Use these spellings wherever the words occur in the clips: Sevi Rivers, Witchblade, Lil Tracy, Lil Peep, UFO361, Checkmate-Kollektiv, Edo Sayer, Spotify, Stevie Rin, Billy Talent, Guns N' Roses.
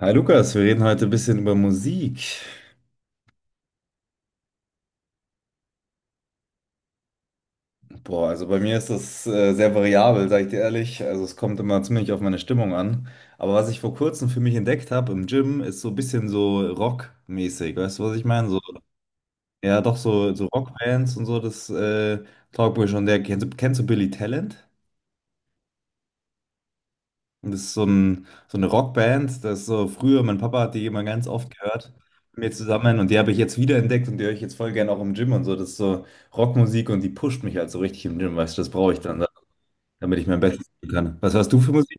Hi Lukas, wir reden heute ein bisschen über Musik. Boah, also bei mir ist das sehr variabel, sage ich dir ehrlich. Also es kommt immer ziemlich auf meine Stimmung an. Aber was ich vor kurzem für mich entdeckt habe im Gym, ist so ein bisschen so Rock-mäßig. Weißt du, was ich meine? So, ja, doch so Rockbands und so, das taugt mir schon. Der, kennst du Billy Talent? Und das ist so eine Rockband, das ist so früher, mein Papa hat die immer ganz oft gehört mit mir zusammen und die habe ich jetzt wiederentdeckt und die höre ich jetzt voll gerne auch im Gym und so. Das ist so Rockmusik und die pusht mich halt so richtig im Gym, weißt du, das brauche ich dann, damit ich mein Bestes tun kann. Was hörst du für Musik?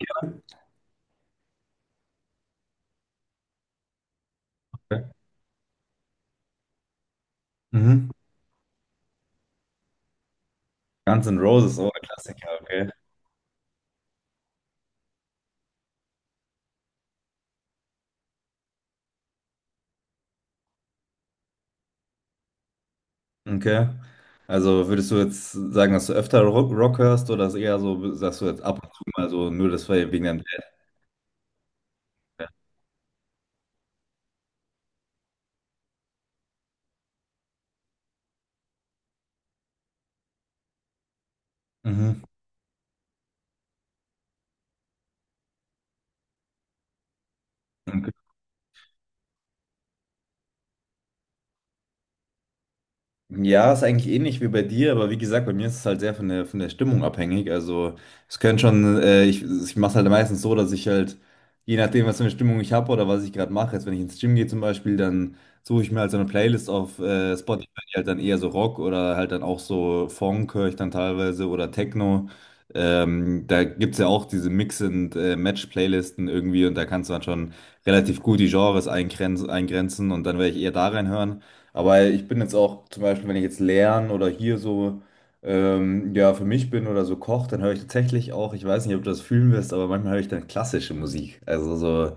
Okay. Mhm. Guns N' Roses, oh, ein Klassiker, okay. Okay. Also würdest du jetzt sagen, dass du öfter Rock, Rock hörst oder ist eher so, sagst du jetzt ab und zu mal so, nur das war ja wegen deinem Dad? Mhm. Okay. Ja, ist eigentlich ähnlich wie bei dir, aber wie gesagt, bei mir ist es halt sehr von der Stimmung abhängig. Also es können schon, ich mache es halt meistens so, dass ich halt, je nachdem, was für eine Stimmung ich habe oder was ich gerade mache, jetzt wenn ich ins Gym gehe zum Beispiel, dann suche ich mir halt so eine Playlist auf Spotify, die halt dann eher so Rock oder halt dann auch so Funk höre ich dann teilweise oder Techno. Da gibt's ja auch diese Mix- und Match-Playlisten irgendwie und da kannst du dann schon relativ gut die Genres eingrenzen und dann werde ich eher da reinhören. Aber ich bin jetzt auch zum Beispiel, wenn ich jetzt lerne oder hier so ja, für mich bin oder so koche, dann höre ich tatsächlich auch, ich weiß nicht, ob du das fühlen wirst, aber manchmal höre ich dann klassische Musik. Also so,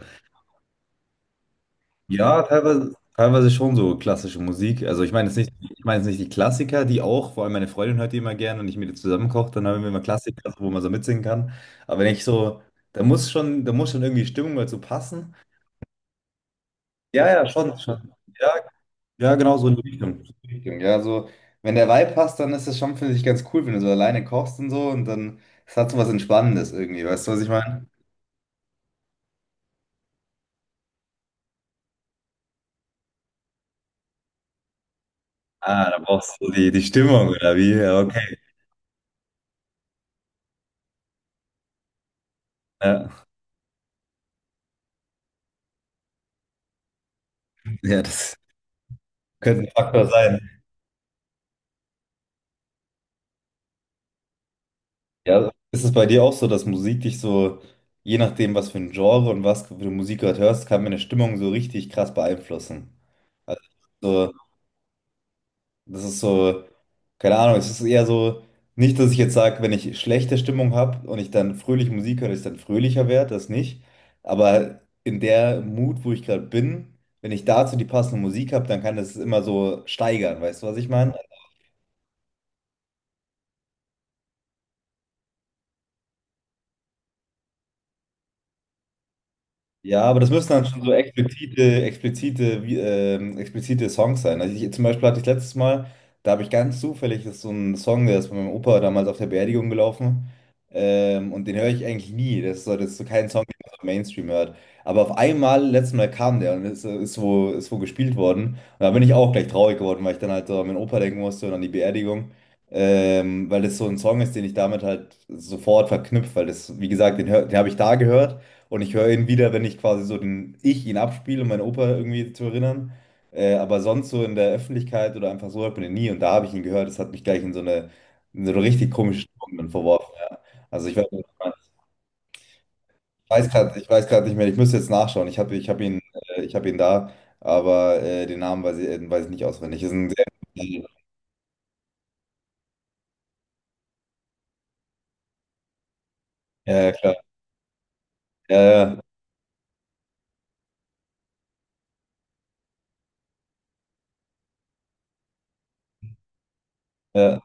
ja, teilweise, teilweise schon so klassische Musik. Also ich meine jetzt nicht die Klassiker, die auch, vor allem meine Freundin hört die immer gern und ich mit ihr zusammen koche, dann haben wir immer Klassiker, wo man so mitsingen kann. Aber wenn ich so, da muss schon irgendwie Stimmung dazu passen. Ja, ja, schon, schon. Ja, ja, genau so in die Richtung. So in die Richtung. Ja, so, wenn der Vibe passt, dann ist das schon, finde ich, ganz cool, wenn du so alleine kochst und so und dann, es hat so was Entspannendes irgendwie, weißt du, was ich meine? Ah, da brauchst du die Stimmung oder wie? Ja, okay. Ja, ja, das könnte ein Faktor sein. Ja, ist es bei dir auch so, dass Musik dich so, je nachdem, was für ein Genre und was für Musik du gerade hörst, kann mir eine Stimmung so richtig krass beeinflussen? Also, so, das ist so, keine Ahnung, es ist eher so, nicht, dass ich jetzt sage, wenn ich schlechte Stimmung habe und ich dann fröhlich Musik höre, dass ich dann fröhlicher werde, das nicht. Aber in der Mut, wo ich gerade bin, wenn ich dazu die passende Musik habe, dann kann das immer so steigern, weißt du, was ich meine? Ja, aber das müssen dann schon so explizite Songs sein. Also ich, zum Beispiel hatte ich letztes Mal, da habe ich ganz zufällig, das ist so ein Song, der ist von meinem Opa damals auf der Beerdigung gelaufen. Und den höre ich eigentlich nie. Das ist so kein Song, den man so im Mainstream hört. Aber auf einmal, letztes Mal kam der und ist wo gespielt worden. Und da bin ich auch gleich traurig geworden, weil ich dann halt so an meinen Opa denken musste und an die Beerdigung. Weil das so ein Song ist, den ich damit halt sofort verknüpft, weil das, wie gesagt, den habe ich da gehört. Und ich höre ihn wieder, wenn ich quasi so den ich ihn abspiele, um meinen Opa irgendwie zu erinnern. Aber sonst so in der Öffentlichkeit oder einfach so hört man ihn nie. Und da habe ich ihn gehört. Das hat mich gleich in so eine richtig komische Stimmung dann verworfen. Ja. Also ich weiß gerade nicht mehr. Ich müsste jetzt nachschauen. Ich habe ihn da, aber den Namen weiß ich nicht auswendig. Ist ein sehr, ja, ja, klar. Ja, ja, ja,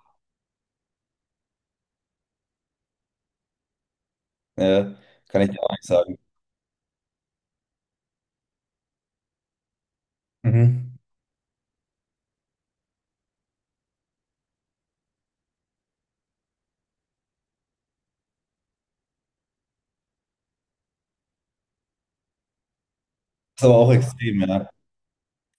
ja. Kann ich dir auch nicht sagen. Mhm. Ist aber auch extrem, ja.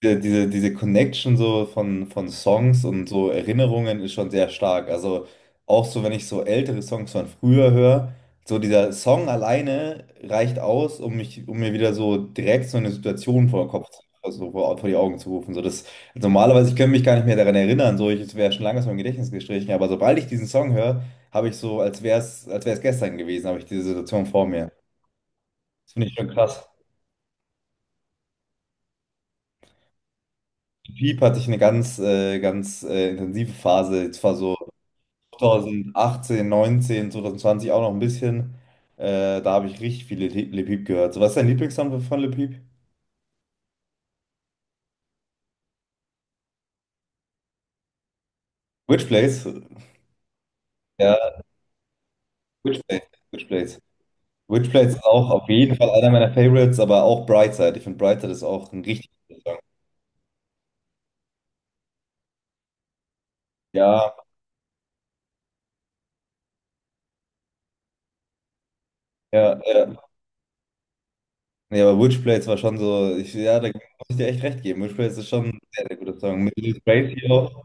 Diese Connection so von Songs und so Erinnerungen ist schon sehr stark. Also auch so, wenn ich so ältere Songs von früher höre, so dieser Song alleine reicht aus, um mich, um mir wieder so direkt so eine Situation vor den Kopf zu, also vor die Augen zu rufen. So das, also normalerweise, ich könnte mich gar nicht mehr daran erinnern, so ich, es wäre schon lange aus meinem Gedächtnis gestrichen, aber sobald ich diesen Song höre, habe ich so, als wäre es gestern gewesen, habe ich diese Situation vor mir. Das finde ich schon krass. Piep hatte ich eine ganz intensive Phase. Es war so 2018, 19, 2020 auch noch ein bisschen. Da habe ich richtig viele Le Peep gehört. So, was ist dein Lieblingssong von Le Peep? Which Place? Ja, Which Place? Which Place? Which Place ist auch auf jeden Fall einer meiner Favorites, aber auch Brightside. Ich finde Brightside ist auch ein richtig guter Song. Ja, ja, ja. Nee, aber Which Place war schon so, ich, ja, da muss ich dir echt recht geben. Which Place ist schon ein sehr, sehr guter Song. Mit Lil Tracy auch.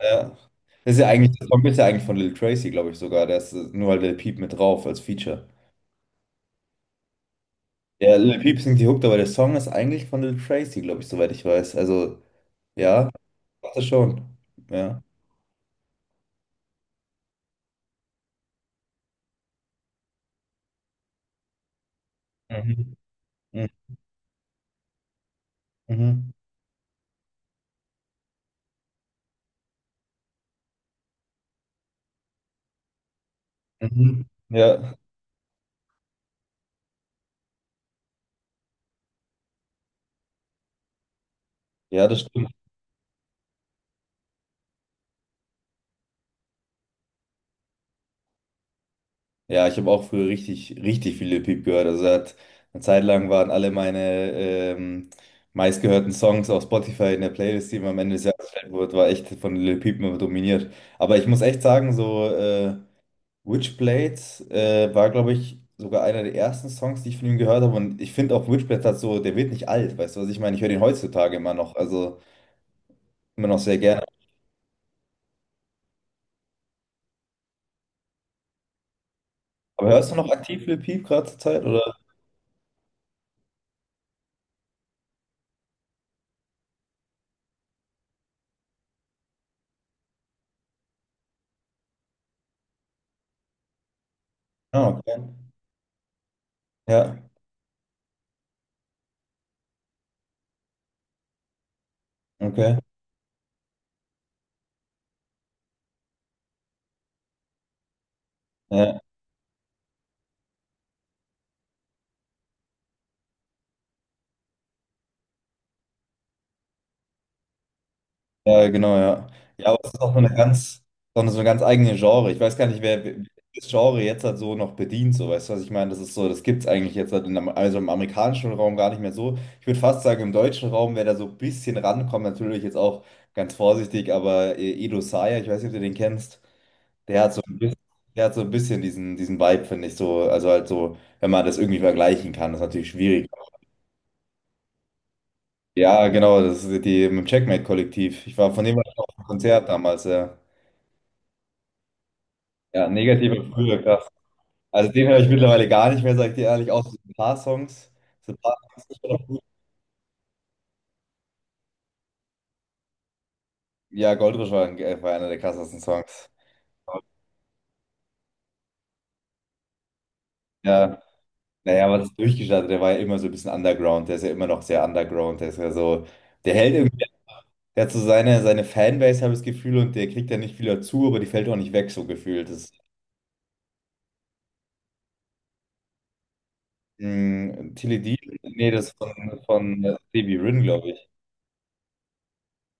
Ja. Das ist ja eigentlich, der Song ist ja eigentlich von Lil Tracy, glaube ich sogar. Der ist nur halt Lil Peep mit drauf als Feature. Ja, Lil Peep singt die Hook, aber der Song ist eigentlich von Lil Tracy, glaube ich, soweit ich weiß. Also, ja, macht er schon. Ja. Mhm. Mhm. Mhm. Mhm. Ja. Ja, das stimmt. Ja, ich habe auch früher richtig, richtig viel Lil Peep gehört. Also, eine Zeit lang waren alle meine meistgehörten Songs auf Spotify in der Playlist, die immer am Ende des Jahres gestellt wurde, war echt von Lil Peep immer dominiert. Aber ich muss echt sagen, so. Witchblade war, glaube ich, sogar einer der ersten Songs, die ich von ihm gehört habe. Und ich finde auch Witchblade hat so, der wird nicht alt, weißt du, was ich meine? Ich höre den heutzutage immer noch, also immer noch sehr gerne. Aber hörst du noch aktiv Lil Peep gerade zur Zeit? Oder? Ah, okay. Ja, okay. Ja. Ja, genau, ja. Ja, aber es ist auch so eine ganz eigene Genre. Ich weiß gar nicht, wer das Genre jetzt halt so noch bedient, so, weißt du, was ich meine? Das ist so, das gibt es eigentlich jetzt halt also im amerikanischen Raum gar nicht mehr so. Ich würde fast sagen, im deutschen Raum, wer da so ein bisschen rankommt, natürlich jetzt auch ganz vorsichtig, aber Edo Sayer, ich weiß nicht, ob du den kennst, der hat so ein bisschen, der hat so ein bisschen diesen Vibe, finde ich, so, also halt so, wenn man das irgendwie vergleichen kann, das ist natürlich schwierig. Ja, genau, das ist die mit dem Checkmate-Kollektiv. Ich war von dem war ich auf dem Konzert damals, ja. Ja, negative früher, krass. Also den höre ich mittlerweile gar nicht mehr, sag ich dir ehrlich, außer so ein paar Songs. So ein paar Songs sind schon noch gut. Ja, Goldrush war einer der krassesten Songs. Ja, naja, was ist durchgestartet? Der war ja immer so ein bisschen underground, der ist ja immer noch sehr underground, der ist ja so, der hält irgendwie, der hat so seine Fanbase, habe ich das Gefühl, und der kriegt ja nicht viel dazu, aber die fällt auch nicht weg, so gefühlt. Das, Tilly D, nee, das ist von Stevie Rin, glaube ich.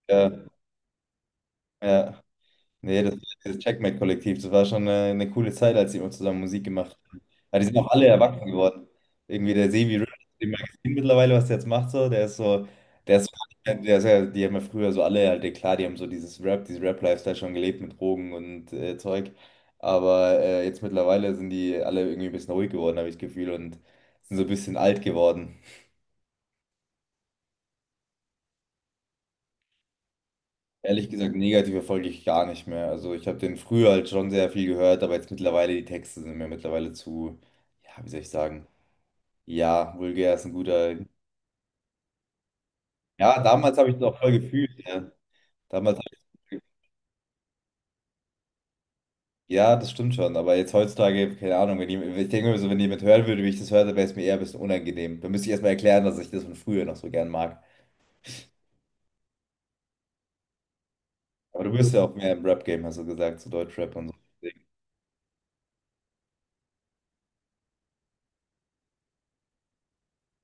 Ja, ja. Nee, dieses Checkmate-Kollektiv, das war schon eine coole Zeit, als die immer zusammen Musik gemacht haben. Ja, die sind auch alle erwachsen geworden. Irgendwie der Sevi Rivers, den man gesehen mittlerweile, was der jetzt macht, so, der ist so, der ist ja, die haben ja früher so alle, halt, ja klar, die haben so dieses Rap, dieses Rap-Lifestyle schon gelebt mit Drogen und Zeug. Aber jetzt mittlerweile sind die alle irgendwie ein bisschen ruhig geworden, habe ich das Gefühl, und sind so ein bisschen alt geworden. Ehrlich gesagt, negativ folge ich gar nicht mehr. Also ich habe den früher halt schon sehr viel gehört, aber jetzt mittlerweile, die Texte sind mir mittlerweile zu, ja, wie soll ich sagen? Ja, vulgär ist ein guter. Ja, damals habe ich das auch voll gefühlt, ja. Damals, ja, das stimmt schon. Aber jetzt heutzutage, keine Ahnung, wenn jemand, ich denke mir so, wenn jemand hören würde, wie ich das höre, dann wäre es mir eher ein bisschen unangenehm. Dann müsste ich erstmal erklären, dass ich das von früher noch so gern mag. Aber du bist ja auch mehr im Rap-Game, hast du gesagt, zu Deutschrap und so.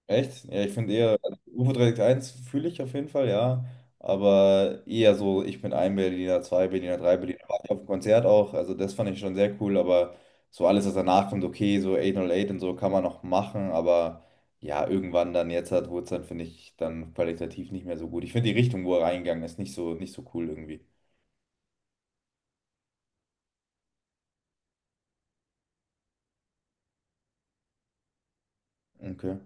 Echt? Ja, ich finde eher, also UFO361 fühle ich auf jeden Fall, ja. Aber eher so, ich bin ein Berliner, zwei Berliner, drei Berliner. War ich auf dem Konzert auch, also das fand ich schon sehr cool, aber so alles, was danach kommt, okay, so 808 und so kann man noch machen, aber ja, irgendwann dann jetzt hat wurde es dann, finde ich, dann qualitativ nicht mehr so gut. Ich finde die Richtung, wo er reingegangen ist, nicht so, nicht so cool irgendwie. Okay.